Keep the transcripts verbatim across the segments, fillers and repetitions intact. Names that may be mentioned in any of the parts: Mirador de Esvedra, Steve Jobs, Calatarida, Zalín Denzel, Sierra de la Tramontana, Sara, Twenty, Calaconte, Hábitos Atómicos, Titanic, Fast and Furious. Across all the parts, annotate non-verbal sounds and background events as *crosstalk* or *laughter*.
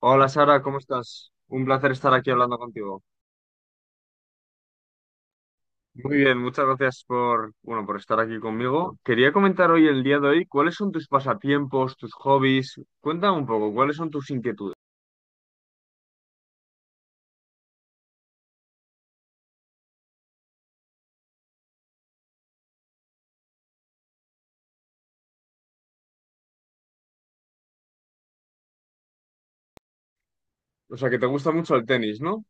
Hola Sara, ¿cómo estás? Un placer estar aquí hablando contigo. Muy bien, muchas gracias por, bueno, por estar aquí conmigo. Quería comentar hoy, el día de hoy, cuáles son tus pasatiempos, tus hobbies. Cuéntame un poco, ¿cuáles son tus inquietudes? O sea, que te gusta mucho el tenis, ¿no?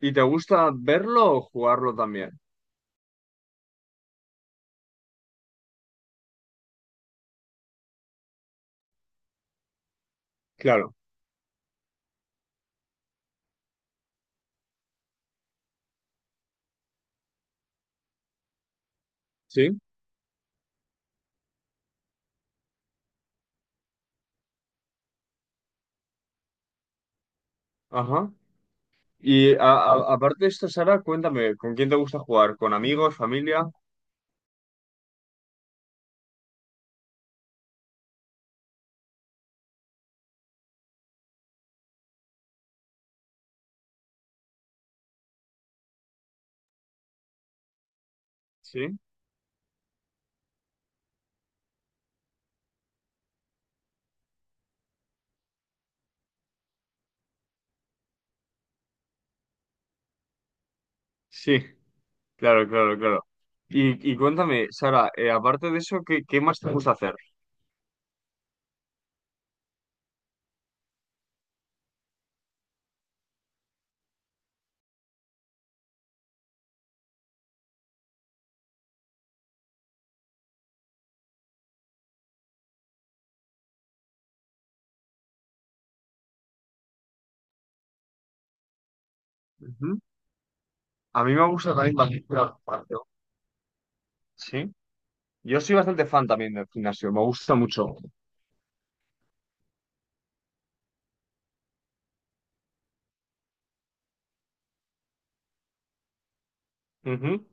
¿Y te gusta verlo o jugarlo también? Claro, sí. Ajá. Y a- a- Aparte de esto, Sara, cuéntame, ¿con quién te gusta jugar? ¿Con amigos, familia? Sí. Sí, claro, claro, claro. Y, y cuéntame, Sara, eh, aparte de eso, ¿qué, qué más te gusta hacer? Ujú. A mí me gusta también bastante ir al gimnasio. Sí. Yo soy bastante fan también del gimnasio, me gusta mucho. Ujú.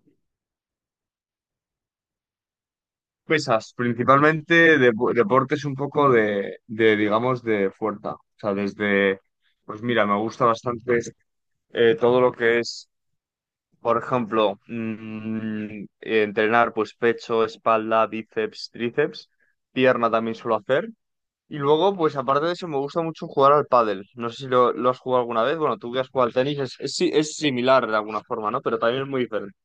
Pesas, principalmente depo- deportes un poco de, de, digamos, de fuerza. O sea, desde, pues mira, me gusta bastante eh, todo lo que es, por ejemplo, mm, entrenar pues pecho, espalda, bíceps, tríceps. Pierna también suelo hacer. Y luego, pues aparte de eso, me gusta mucho jugar al pádel. No sé si lo, lo has jugado alguna vez. Bueno, tú que has jugado al tenis es, es, si- es similar de alguna forma, ¿no? Pero también es muy diferente.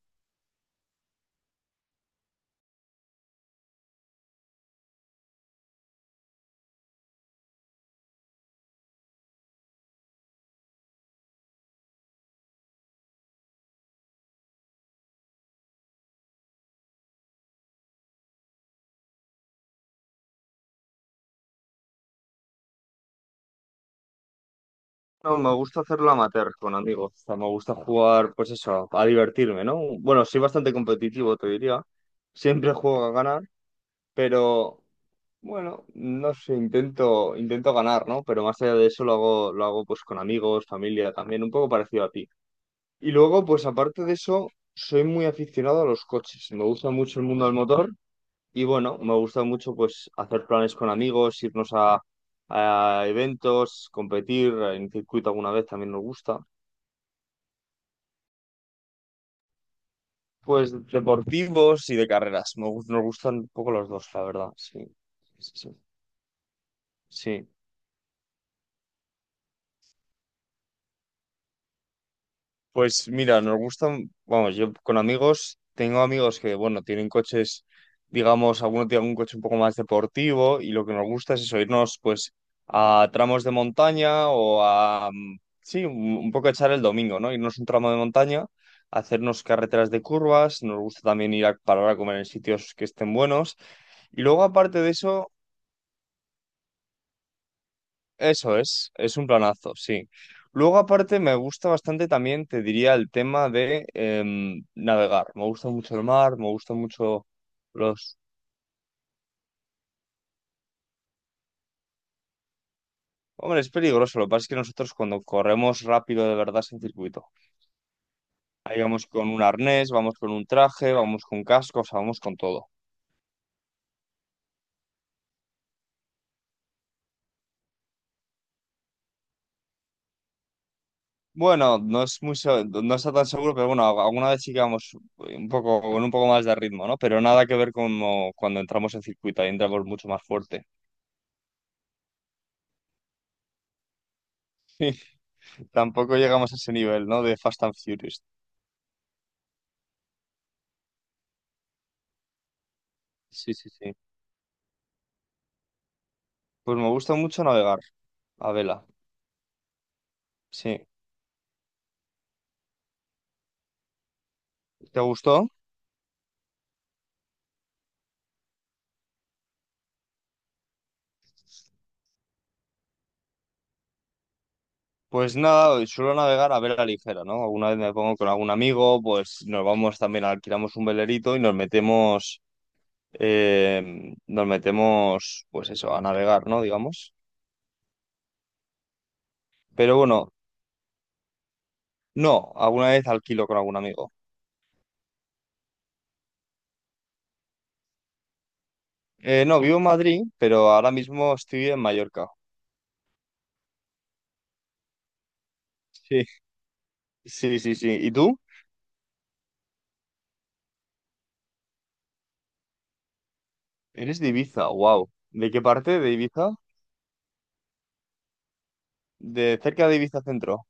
No, me gusta hacerlo amateur con amigos. O sea, me gusta jugar, pues eso, a divertirme, ¿no? Bueno, soy bastante competitivo, te diría. Siempre juego a ganar, pero bueno, no sé, intento, intento ganar, ¿no? Pero más allá de eso lo hago, lo hago pues con amigos, familia también, un poco parecido a ti. Y luego, pues aparte de eso, soy muy aficionado a los coches. Me gusta mucho el mundo del motor. Y bueno, me gusta mucho pues hacer planes con amigos, irnos a, a eventos, competir en circuito alguna vez también nos gusta. Pues deportivos y de carreras. Me gus- nos gustan un poco los dos, la verdad. Sí, sí, sí. Sí. Pues mira, nos gustan, vamos, yo con amigos, tengo amigos que, bueno, tienen coches, digamos, alguno tiene un coche un poco más deportivo y lo que nos gusta es eso, irnos pues a tramos de montaña o a, mm, sí, un, un poco echar el domingo, ¿no? Irnos un tramo de montaña, hacernos carreteras de curvas, nos gusta también ir a parar a comer en sitios que estén buenos y luego aparte de eso, eso es, es un planazo, sí. Luego, aparte, me gusta bastante también, te diría, el tema de em, navegar. Me gusta mucho el mar, me gusta mucho los... Hombre, es peligroso. Lo que pasa es que nosotros cuando corremos rápido de verdad sin circuito, ahí vamos con un arnés, vamos con un traje, vamos con cascos, vamos con todo. Bueno, no es muy, se- no está tan seguro, pero bueno, alguna vez sí que vamos eh, un poco, con un poco más de ritmo, ¿no? Pero nada que ver con cuando entramos en circuito, ahí entramos mucho más fuerte. *laughs* Tampoco llegamos a ese nivel, ¿no? De Fast and Furious. Sí, sí, sí. Pues me gusta mucho navegar a vela. Sí. ¿Te gustó? Pues nada, suelo navegar a vela ligera, ¿no? Alguna vez me pongo con algún amigo, pues nos vamos también, alquilamos un velerito y nos metemos, eh, nos metemos, pues eso, a navegar, ¿no? Digamos. Pero bueno, no, alguna vez alquilo con algún amigo. Eh, no, vivo en Madrid, pero ahora mismo estoy en Mallorca. Sí. Sí, sí, sí. ¿Y tú? Eres de Ibiza, wow. ¿De qué parte de Ibiza? De cerca de Ibiza Centro.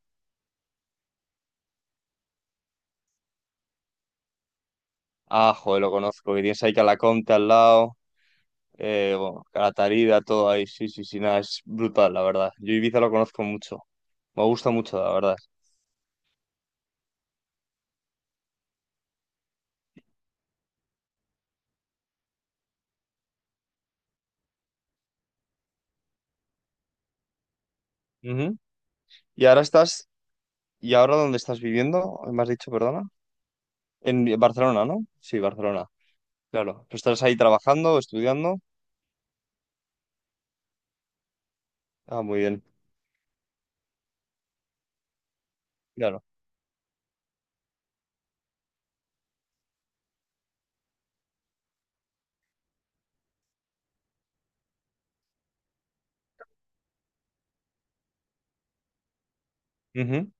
Ah, joder, lo conozco. Que tienes ahí Calaconte al lado. Eh, bueno, Calatarida, todo ahí. Sí, sí, sí, nada, es brutal, la verdad. Yo Ibiza lo conozco mucho. Me gusta mucho, la verdad. Ujú. Y ahora estás. ¿Y ahora dónde estás viviendo? ¿Me has dicho, perdona? En Barcelona, ¿no? Sí, Barcelona. Claro. Pero estás ahí trabajando, estudiando. Ah, muy bien. Claro. Ujú.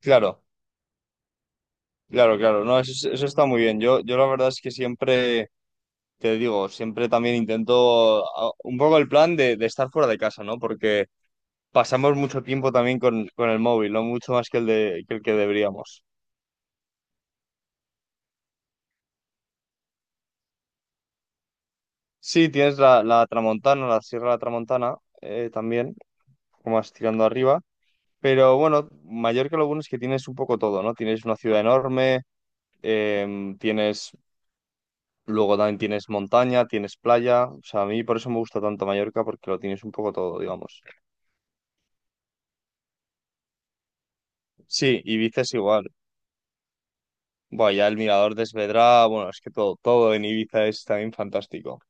Claro, claro, claro. No, eso, eso está muy bien. Yo, yo la verdad es que siempre te digo, siempre también intento a- un poco el plan de, de estar fuera de casa, ¿no? Porque pasamos mucho tiempo también con, con el móvil, no mucho más que el, de, que el que deberíamos. Sí, tienes la, la Tramontana, la Sierra de la Tramontana eh, también, como más tirando arriba, pero bueno, Mallorca lo bueno es que tienes un poco todo, ¿no? Tienes una ciudad enorme, em, tienes, luego también tienes montaña, tienes playa, o sea, a mí por eso me gusta tanto Mallorca, porque lo tienes un poco todo, digamos. Sí, Ibiza es igual. Bueno, ya el Mirador de Esvedra, bueno, es que todo, todo en Ibiza es también fantástico.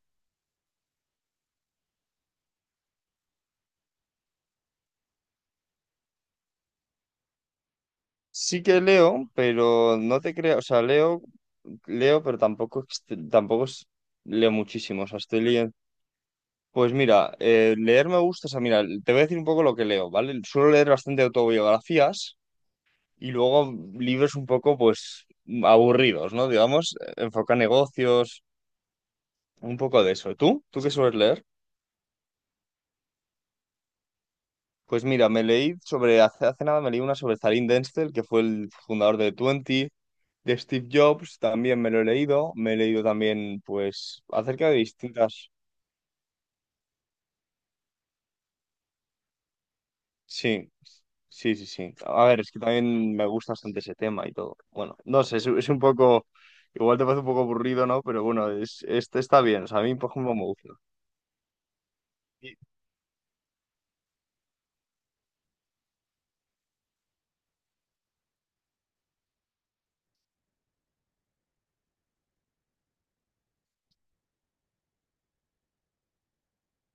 Sí que leo, pero no te creo, o sea, leo, leo, pero tampoco, ext- tampoco es- leo muchísimo, o sea, estoy leyendo. Pues mira, eh, leer me gusta, o sea, mira, te voy a decir un poco lo que leo, ¿vale? Suelo leer bastante autobiografías y luego libros un poco, pues, aburridos, ¿no? Digamos, eh, enfoca negocios, un poco de eso. ¿Tú? ¿Tú qué sueles leer? Pues mira, me leí sobre, hace, hace nada me leí una sobre Zalín Denzel, que fue el fundador de Twenty, de Steve Jobs, también me lo he leído, me he leído también, pues, acerca de distintas... Sí, sí, sí, sí. A ver, es que también me gusta bastante ese tema y todo. Bueno, no sé, es, es un poco, igual te parece un poco aburrido, ¿no? Pero bueno, es, este está bien, o sea, a mí, por ejemplo, me gusta. Y,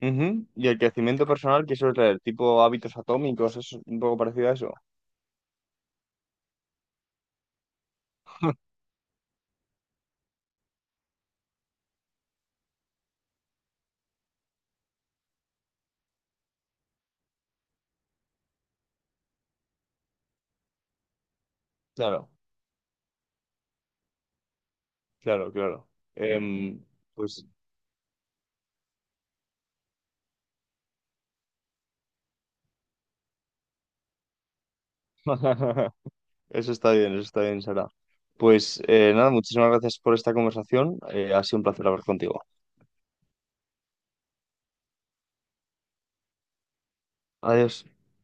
ujú, y el crecimiento personal, que eso es el tipo hábitos atómicos, es un poco parecido a eso. Claro, claro, claro. Em, pues *laughs* Eso está bien, eso está bien, Sara. Pues eh, nada, muchísimas gracias por esta conversación. Eh, ha sido un placer hablar contigo. Adiós.